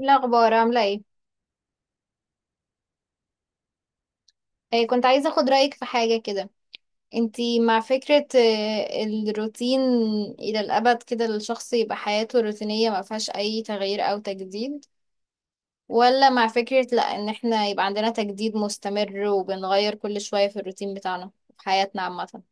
إيه الأخبار عاملة ايه؟ إيه كنت عايزة اخد رأيك في حاجة كده. انتي مع فكرة الروتين إلى الأبد كده، الشخص يبقى حياته روتينية ما فيهاش أي تغيير أو تجديد، ولا مع فكرة لأ إن احنا يبقى عندنا تجديد مستمر وبنغير كل شوية في الروتين بتاعنا في حياتنا عامة؟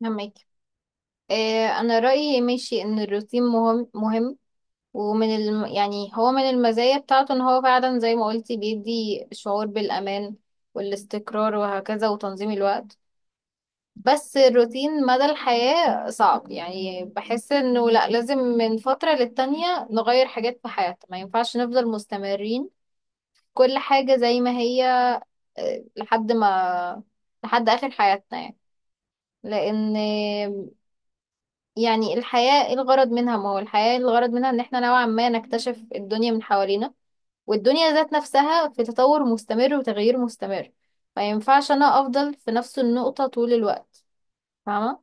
فهمك؟ إيه، أنا رأيي ماشي إن الروتين مهم مهم، ومن يعني هو من المزايا بتاعته ان هو فعلا زي ما قلتي بيدي شعور بالأمان والاستقرار وهكذا وتنظيم الوقت. بس الروتين مدى الحياة صعب، يعني بحس انه لا، لازم من فترة للتانية نغير حاجات في حياتنا، ما ينفعش نفضل مستمرين كل حاجة زي ما هي لحد ما، لحد آخر حياتنا يعني. لأن يعني الحياة إيه الغرض منها؟ ما هو الحياة الغرض منها ان احنا نوعا ما نكتشف الدنيا من حوالينا، والدنيا ذات نفسها في تطور مستمر وتغيير مستمر. ما ينفعش انا افضل في نفس النقطة طول الوقت، فاهمة؟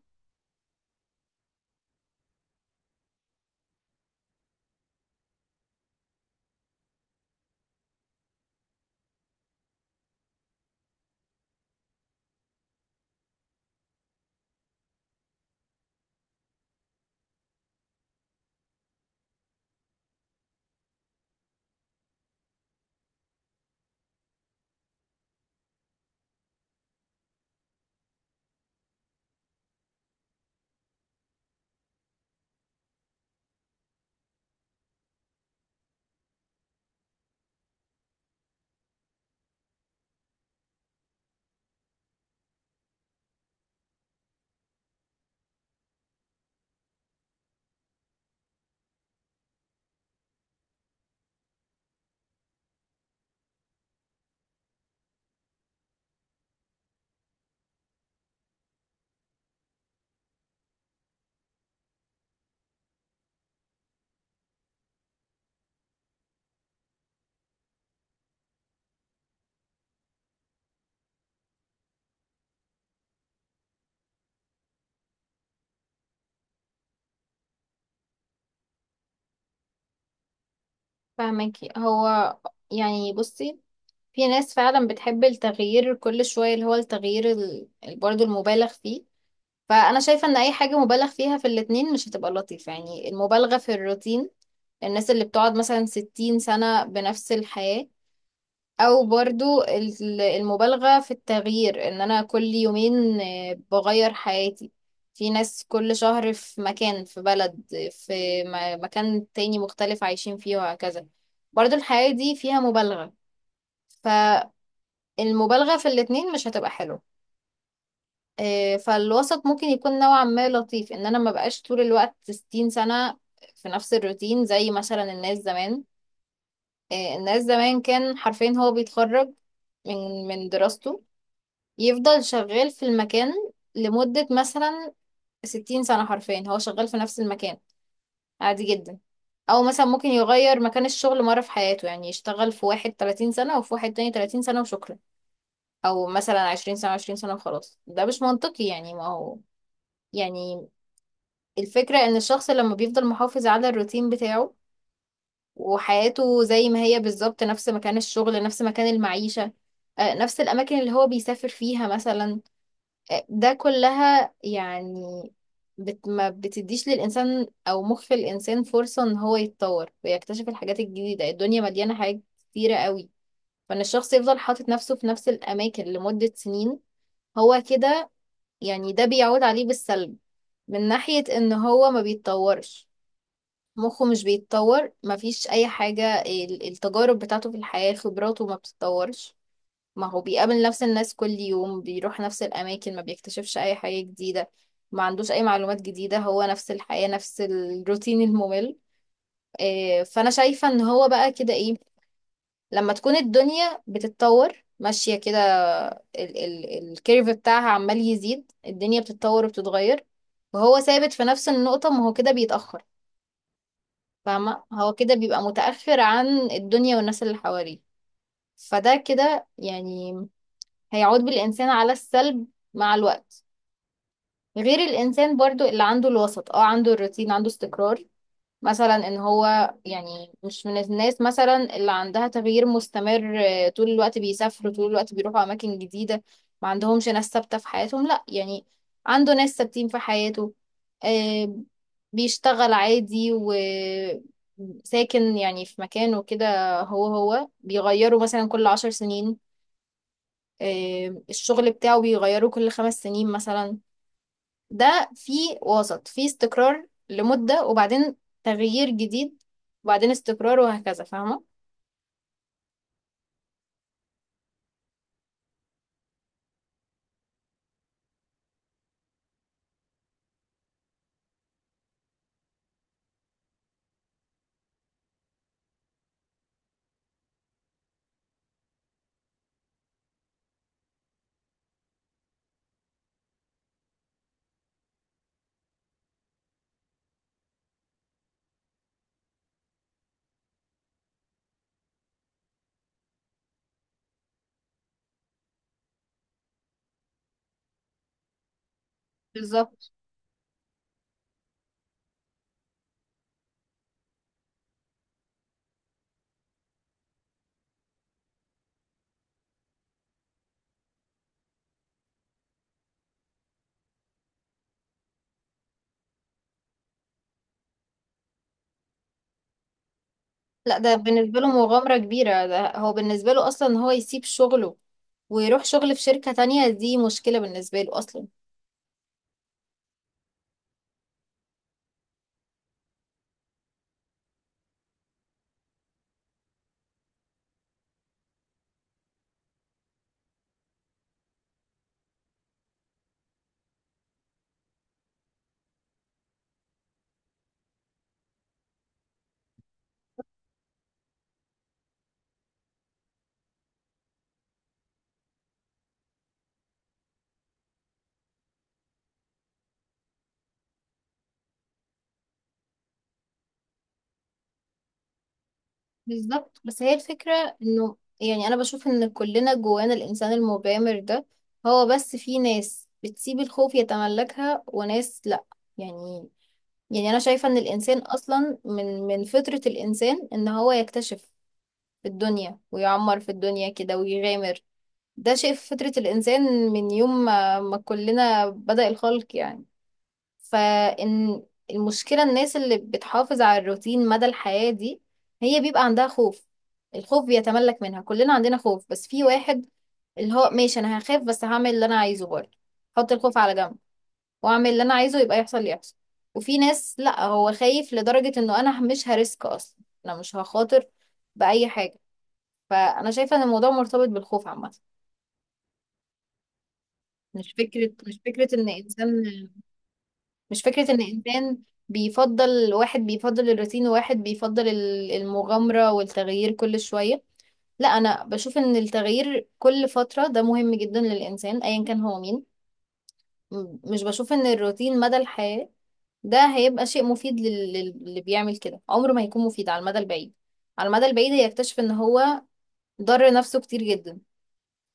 فاهمكي هو، يعني بصي، في ناس فعلا بتحب التغيير كل شوية، اللي هو التغيير برضه المبالغ فيه. فانا شايفة ان اي حاجة مبالغ فيها في الاتنين مش هتبقى لطيفة، يعني المبالغة في الروتين، الناس اللي بتقعد مثلا 60 سنة بنفس الحياة، او برضو المبالغة في التغيير، ان انا كل يومين بغير حياتي، في ناس كل شهر في مكان، في بلد، في مكان تاني مختلف عايشين فيه وهكذا، برضو الحياة دي فيها مبالغة. فالمبالغة في الاتنين مش هتبقى حلوة. فالوسط ممكن يكون نوعا ما لطيف، ان انا ما بقاش طول الوقت 60 سنة في نفس الروتين زي مثلا الناس زمان. الناس زمان كان حرفيا هو بيتخرج من دراسته، يفضل شغال في المكان لمدة مثلا 60 سنة، حرفيا هو شغال في نفس المكان، عادي جدا. أو مثلا ممكن يغير مكان الشغل مرة في حياته، يعني يشتغل في واحد 30 سنة وفي واحد تاني 30 سنة وشكرا، أو مثلا 20 سنة 20 سنة وخلاص. ده مش منطقي، يعني ما هو يعني الفكرة إن الشخص لما بيفضل محافظ على الروتين بتاعه وحياته زي ما هي بالظبط، نفس مكان الشغل، نفس مكان المعيشة، نفس الأماكن اللي هو بيسافر فيها مثلا، ده كلها يعني ما بتديش للإنسان أو مخ الإنسان فرصة إن هو يتطور ويكتشف الحاجات الجديدة. الدنيا مليانة حاجات كتيرة قوي، فإن الشخص يفضل حاطط نفسه في نفس الأماكن لمدة سنين هو كده، يعني ده بيعود عليه بالسلب من ناحية إن هو ما بيتطورش، مخه مش بيتطور، مفيش أي حاجة التجارب بتاعته في الحياة خبراته ما بتتطورش، ما هو بيقابل نفس الناس كل يوم، بيروح نفس الأماكن، ما بيكتشفش أي حاجة جديدة، ما عندوش أي معلومات جديدة، هو نفس الحياة نفس الروتين الممل. إيه، فأنا شايفة إن هو بقى كده إيه، لما تكون الدنيا بتتطور ماشية كده، ال ال الكيرف بتاعها عمال يزيد، الدنيا بتتطور وبتتغير وهو ثابت في نفس النقطة، ما هو كده بيتأخر، فاهمة؟ هو كده بيبقى متأخر عن الدنيا والناس اللي حواليه، فده كده يعني هيعود بالإنسان على السلب مع الوقت. غير الإنسان برضو اللي عنده الوسط، عنده الروتين، عنده استقرار، مثلا ان هو يعني مش من الناس مثلا اللي عندها تغيير مستمر طول الوقت بيسافروا، طول الوقت بيروحوا أماكن جديدة، ما عندهمش ناس ثابتة في حياتهم، لا يعني عنده ناس ثابتين في حياته، آه، بيشتغل عادي وساكن يعني في مكانه كده، هو بيغيره مثلا كل 10 سنين، الشغل بتاعه بيغيروه كل 5 سنين مثلا، ده في وسط، في استقرار لمدة وبعدين تغيير جديد وبعدين استقرار وهكذا، فاهمة؟ بالظبط. لا، ده بالنسبة له مغامرة كبيرة، ده هو بالنسبة له أصلا إن هو يسيب شغله ويروح شغل في شركة تانية دي مشكلة بالنسبة له أصلا. بالظبط، بس هي الفكرة إنه يعني أنا بشوف إن كلنا جوانا الإنسان المغامر ده، هو بس في ناس بتسيب الخوف يتملكها وناس لأ، يعني. يعني انا شايفة ان الانسان اصلا من فطرة الانسان ان هو يكتشف في الدنيا ويعمر في الدنيا كده ويغامر، ده شيء في فطرة الانسان، من يوم ما كلنا بدأ الخلق يعني، فان المشكلة الناس اللي بتحافظ على الروتين مدى الحياة دي، هي بيبقى عندها خوف، الخوف بيتملك منها. كلنا عندنا خوف، بس في واحد اللي هو ماشي انا هخاف بس هعمل اللي انا عايزه برضه، حط الخوف على جنب واعمل اللي انا عايزه، يبقى يحصل اللي يحصل، وفي ناس لا هو خايف لدرجة انه انا مش هريسك اصلا، انا مش هخاطر بأي حاجة. فانا شايفة ان الموضوع مرتبط بالخوف عامة. مش فكرة مش فكرة ان انسان مش فكرة ان انسان بيفضل، واحد بيفضل الروتين وواحد بيفضل المغامرة والتغيير كل شوية، لا انا بشوف ان التغيير كل فترة ده مهم جدا للانسان ايا كان هو مين. مش بشوف ان الروتين مدى الحياة ده هيبقى شيء مفيد للي بيعمل كده، عمره ما هيكون مفيد على المدى البعيد، على المدى البعيد هيكتشف ان هو ضر نفسه كتير جدا.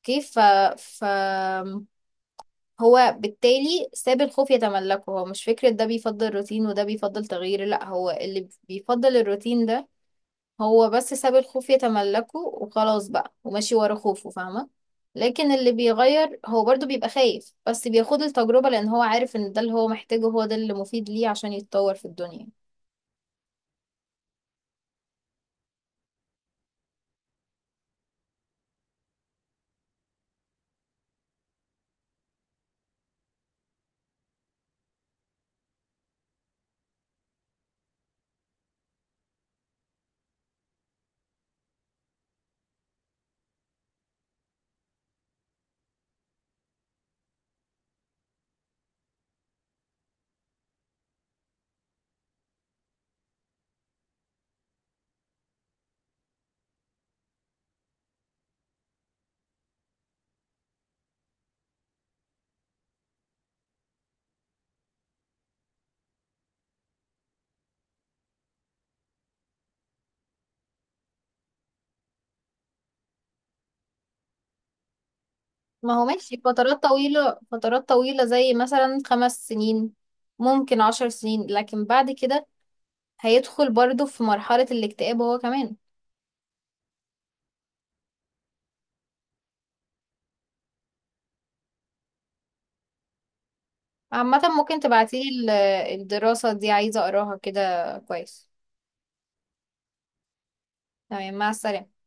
كيف ف هو بالتالي ساب الخوف يتملكه، هو مش فكرة ده بيفضل روتين وده بيفضل تغيير، لا هو اللي بيفضل الروتين ده هو بس ساب الخوف يتملكه وخلاص بقى وماشي ورا خوفه، فاهمة؟ لكن اللي بيغير هو برضو بيبقى خايف بس بياخد التجربة، لأن هو عارف إن ده اللي هو محتاجه، هو ده اللي مفيد ليه عشان يتطور في الدنيا. ما هو ماشي فترات طويلة، فترات طويلة زي مثلا 5 سنين، ممكن 10 سنين، لكن بعد كده هيدخل برضه في مرحلة الاكتئاب هو كمان. عامة ممكن تبعتيلي الدراسة دي، عايزة أقراها كده كويس. تمام، مع السلامة.